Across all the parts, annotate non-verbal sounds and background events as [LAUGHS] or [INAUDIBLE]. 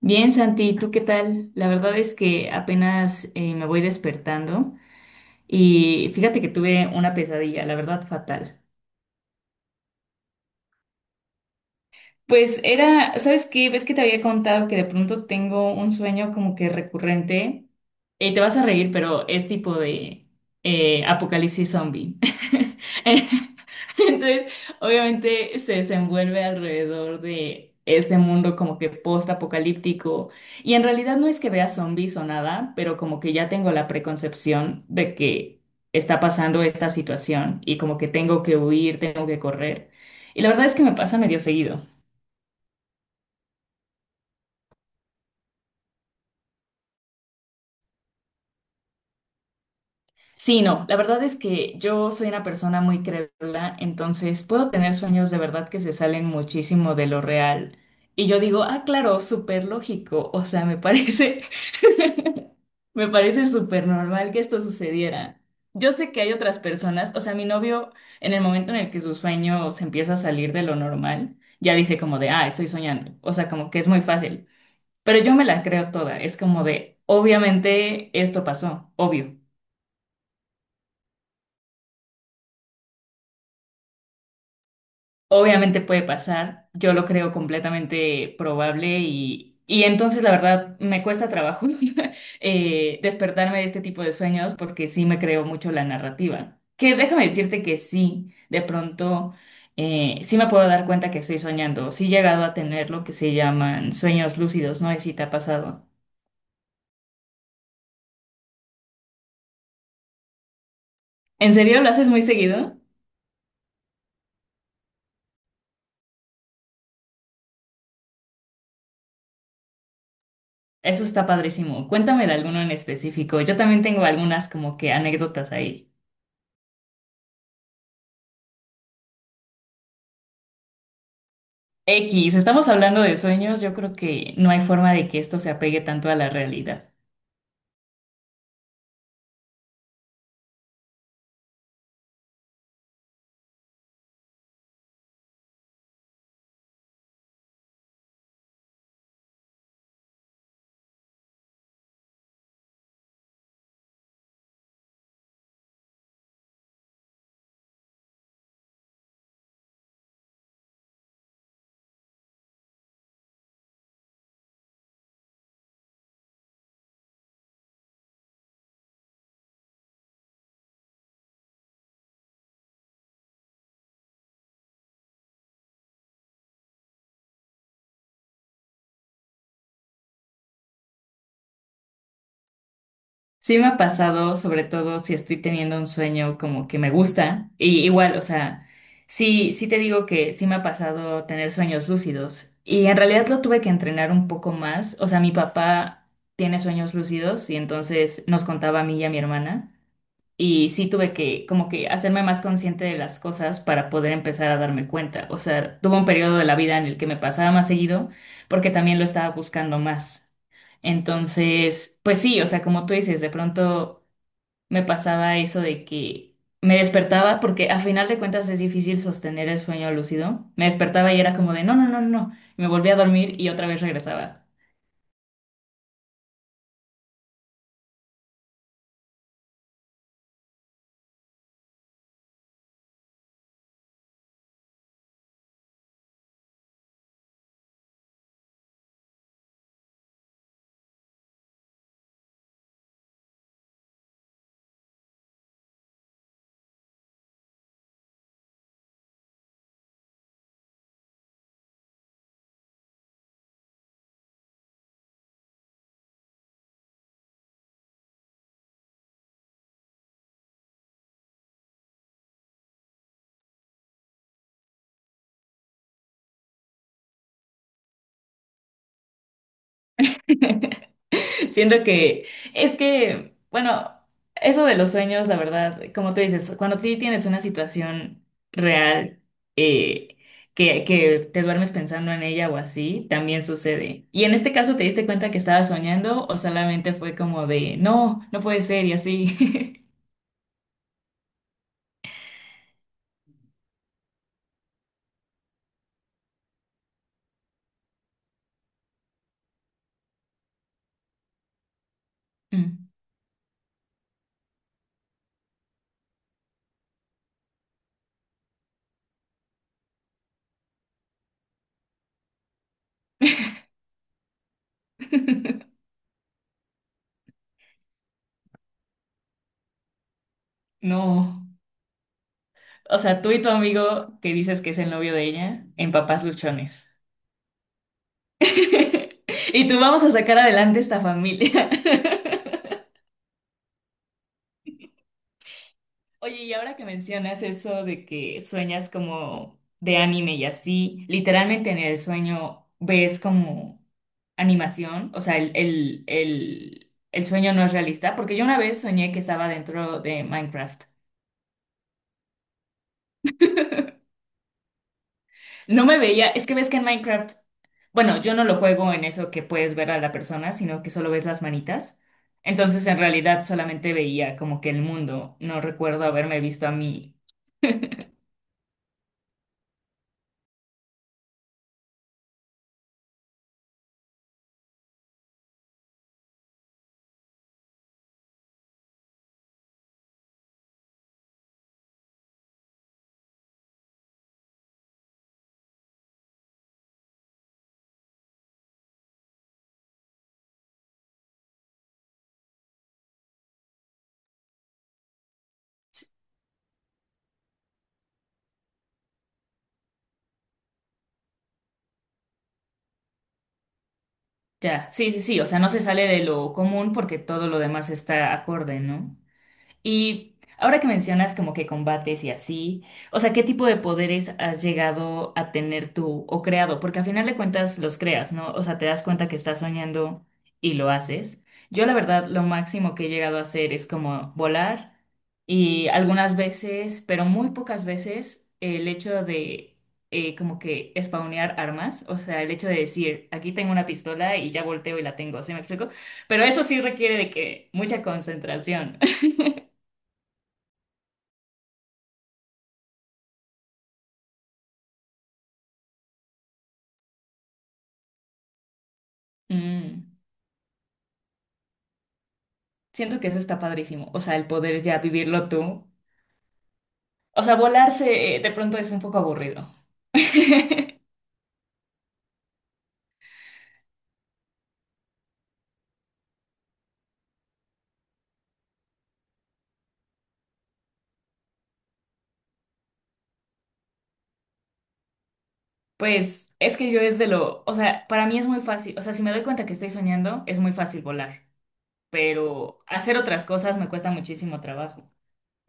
Bien, Santi, ¿tú qué tal? La verdad es que apenas me voy despertando y fíjate que tuve una pesadilla, la verdad fatal. Pues era, ¿sabes qué? ¿Ves que te había contado que de pronto tengo un sueño como que recurrente? Te vas a reír, pero es tipo de apocalipsis zombie. [LAUGHS] Entonces, obviamente se desenvuelve alrededor de este mundo como que post-apocalíptico. Y en realidad no es que vea zombies o nada, pero como que ya tengo la preconcepción de que está pasando esta situación y como que tengo que huir, tengo que correr. Y la verdad es que me pasa medio seguido. Sí, no, la verdad es que yo soy una persona muy crédula, entonces puedo tener sueños de verdad que se salen muchísimo de lo real. Y yo digo, ah, claro, súper lógico, o sea, me parece, [LAUGHS] me parece súper normal que esto sucediera. Yo sé que hay otras personas, o sea, mi novio, en el momento en el que su sueño se empieza a salir de lo normal, ya dice como de, ah, estoy soñando, o sea, como que es muy fácil. Pero yo me la creo toda, es como de, obviamente esto pasó, obvio. Obviamente puede pasar, yo lo creo completamente probable y entonces la verdad me cuesta trabajo [LAUGHS] despertarme de este tipo de sueños porque sí me creo mucho la narrativa. Que déjame decirte que sí, de pronto sí me puedo dar cuenta que estoy soñando, sí he llegado a tener lo que se llaman sueños lúcidos, no sé si te ha pasado. ¿En serio lo haces muy seguido? Eso está padrísimo. Cuéntame de alguno en específico. Yo también tengo algunas como que anécdotas ahí. X, estamos hablando de sueños, yo creo que no hay forma de que esto se apegue tanto a la realidad. Sí me ha pasado, sobre todo si estoy teniendo un sueño como que me gusta, y igual, o sea, sí, sí te digo que sí me ha pasado tener sueños lúcidos, y en realidad lo tuve que entrenar un poco más, o sea, mi papá tiene sueños lúcidos y entonces nos contaba a mí y a mi hermana. Y sí tuve que como que hacerme más consciente de las cosas para poder empezar a darme cuenta. O sea, tuve un periodo de la vida en el que me pasaba más seguido porque también lo estaba buscando más. Entonces, pues sí, o sea, como tú dices, de pronto me pasaba eso de que me despertaba porque a final de cuentas es difícil sostener el sueño lúcido. Me despertaba y era como de no, no, no, no. no". Y me volvía a dormir y otra vez regresaba. [LAUGHS] [LAUGHS] Siento que es que, bueno, eso de los sueños, la verdad, como tú dices, cuando sí tienes una situación real eh, que te duermes pensando en ella o así, también sucede. Y en este caso, ¿te diste cuenta que estabas soñando o solamente fue como de, no, no puede ser y así? [LAUGHS] Mm. [LAUGHS] No. O sea, tú y tu amigo que dices que es el novio de ella, en Papás Luchones. [LAUGHS] Y tú vamos a sacar adelante esta familia. [LAUGHS] Oye, y ahora que mencionas eso de que sueñas como de anime y así, literalmente en el sueño ves como animación, o sea, el sueño no es realista, porque yo una vez soñé que estaba dentro de Minecraft. No me veía, es que ves que en Minecraft, bueno, yo no lo juego en eso que puedes ver a la persona, sino que solo ves las manitas. Entonces, en realidad solamente veía como que el mundo, no recuerdo haberme visto a mí. Ya, sí, sí, sí, o sea, no se sale de lo común porque todo lo demás está acorde, ¿no? Y ahora que mencionas como que combates y así, o sea, ¿qué tipo de poderes has llegado a tener tú o creado? Porque al final de cuentas los creas, ¿no? O sea, te das cuenta que estás soñando y lo haces. Yo la verdad lo máximo que he llegado a hacer es como volar y algunas veces, pero muy pocas veces, el hecho de como que spawnear armas, o sea, el hecho de decir, aquí tengo una pistola y ya volteo y la tengo, ¿sí me explico? Pero eso sí requiere de que mucha concentración. Mm. Siento que eso está padrísimo. O sea, el poder ya vivirlo tú. O sea, volarse de pronto es un poco aburrido. [LAUGHS] Pues es que yo es de lo, o sea, para mí es muy fácil, o sea, si me doy cuenta que estoy soñando, es muy fácil volar, pero hacer otras cosas me cuesta muchísimo trabajo.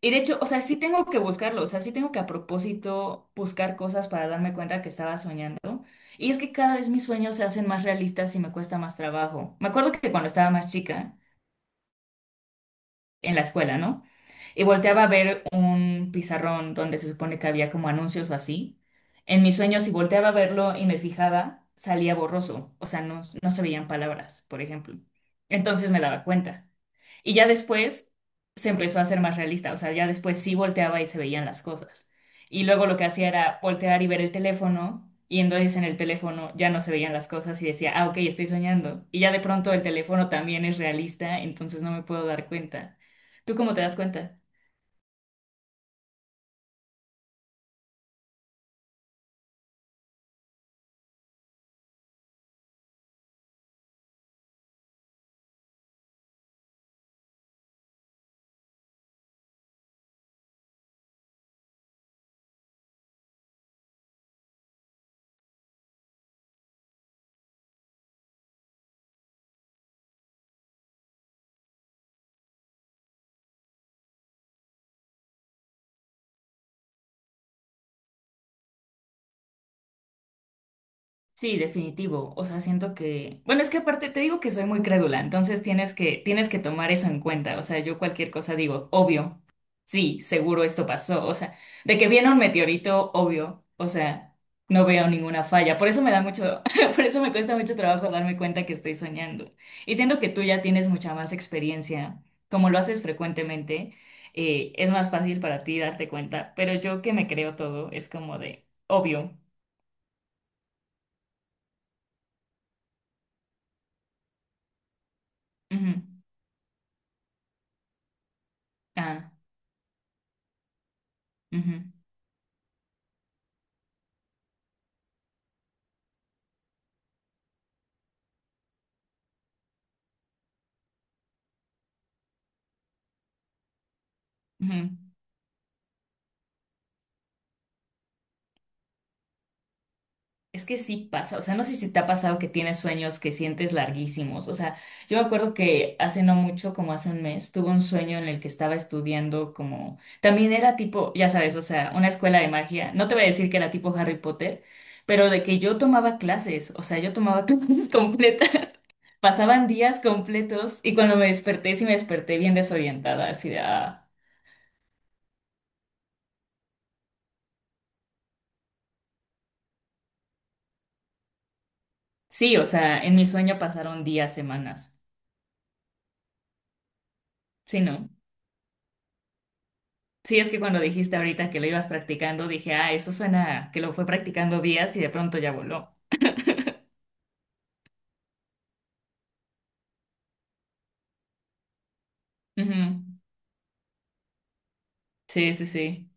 Y de hecho, o sea, sí tengo que buscarlo, o sea, sí tengo que a propósito buscar cosas para darme cuenta que estaba soñando. Y es que cada vez mis sueños se hacen más realistas y me cuesta más trabajo. Me acuerdo que cuando estaba más chica, en la escuela, ¿no? Y volteaba a ver un pizarrón donde se supone que había como anuncios o así. En mis sueños, si volteaba a verlo y me fijaba, salía borroso, o sea, no, no se veían palabras, por ejemplo. Entonces me daba cuenta. Y ya después se empezó a hacer más realista, o sea, ya después sí volteaba y se veían las cosas. Y luego lo que hacía era voltear y ver el teléfono, y entonces en el teléfono ya no se veían las cosas y decía, ah, ok, estoy soñando. Y ya de pronto el teléfono también es realista, entonces no me puedo dar cuenta. ¿Tú cómo te das cuenta? Sí, definitivo. O sea, siento que, bueno, es que aparte te digo que soy muy crédula, entonces tienes que tomar eso en cuenta. O sea, yo cualquier cosa digo, obvio, sí, seguro esto pasó. O sea, de que viene un meteorito, obvio. O sea, no veo ninguna falla. Por eso me da mucho, [LAUGHS] por eso me cuesta mucho trabajo darme cuenta que estoy soñando. Y siento que tú ya tienes mucha más experiencia, como lo haces frecuentemente, es más fácil para ti darte cuenta. Pero yo que me creo todo, es como de, obvio. Ujú. Ah. Ujú, ujú. Es que sí pasa, o sea, no sé si te ha pasado que tienes sueños que sientes larguísimos, o sea, yo me acuerdo que hace no mucho, como hace un mes, tuve un sueño en el que estaba estudiando como, también era tipo, ya sabes, o sea, una escuela de magia, no te voy a decir que era tipo Harry Potter, pero de que yo tomaba clases, o sea, yo tomaba [LAUGHS] clases completas, pasaban días completos y cuando me desperté, sí me desperté bien desorientada, así de, ah. Sí, o sea, en mi sueño pasaron días, semanas, sí, ¿no? Sí, es que cuando dijiste ahorita que lo ibas practicando, dije, ah, eso suena que lo fue practicando días y de pronto ya voló. Ujú. Sí, sí, sí.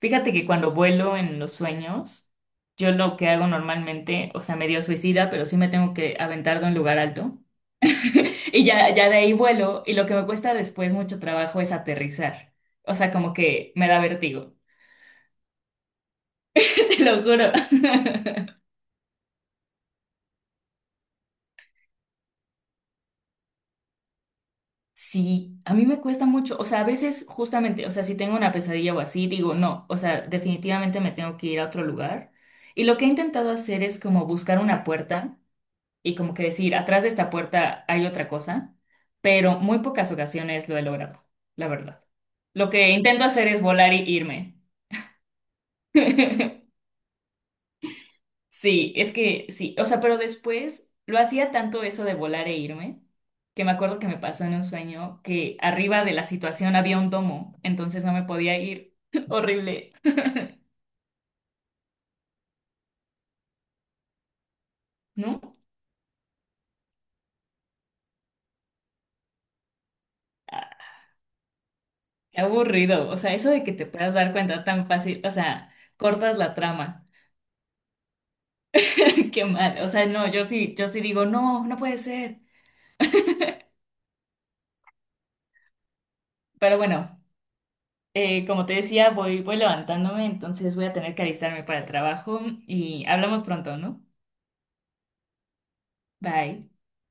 Fíjate que cuando vuelo en los sueños, yo lo que hago normalmente, o sea, medio suicida, pero sí me tengo que aventar de un lugar alto. [LAUGHS] Y ya de ahí vuelo y lo que me cuesta después mucho trabajo es aterrizar. O sea, como que me da vértigo. [LAUGHS] Te lo juro. [LAUGHS] Sí, a mí me cuesta mucho, o sea, a veces justamente, o sea, si tengo una pesadilla o así, digo, no, o sea, definitivamente me tengo que ir a otro lugar. Y lo que he intentado hacer es como buscar una puerta y como que decir, atrás de esta puerta hay otra cosa, pero muy pocas ocasiones lo he logrado, la verdad. Lo que intento hacer es volar y irme. [LAUGHS] Sí, es que sí, o sea, pero después lo hacía tanto eso de volar e irme, que me acuerdo que me pasó en un sueño que arriba de la situación había un domo, entonces no me podía ir. [LAUGHS] Horrible, ¿no? Ah, qué aburrido, o sea, eso de que te puedas dar cuenta tan fácil, o sea, cortas la trama, [LAUGHS] qué mal, o sea, no, yo sí, yo sí digo, no, no puede ser. Pero bueno, como te decía, voy levantándome, entonces voy a tener que alistarme para el trabajo y hablamos pronto, ¿no? Bye.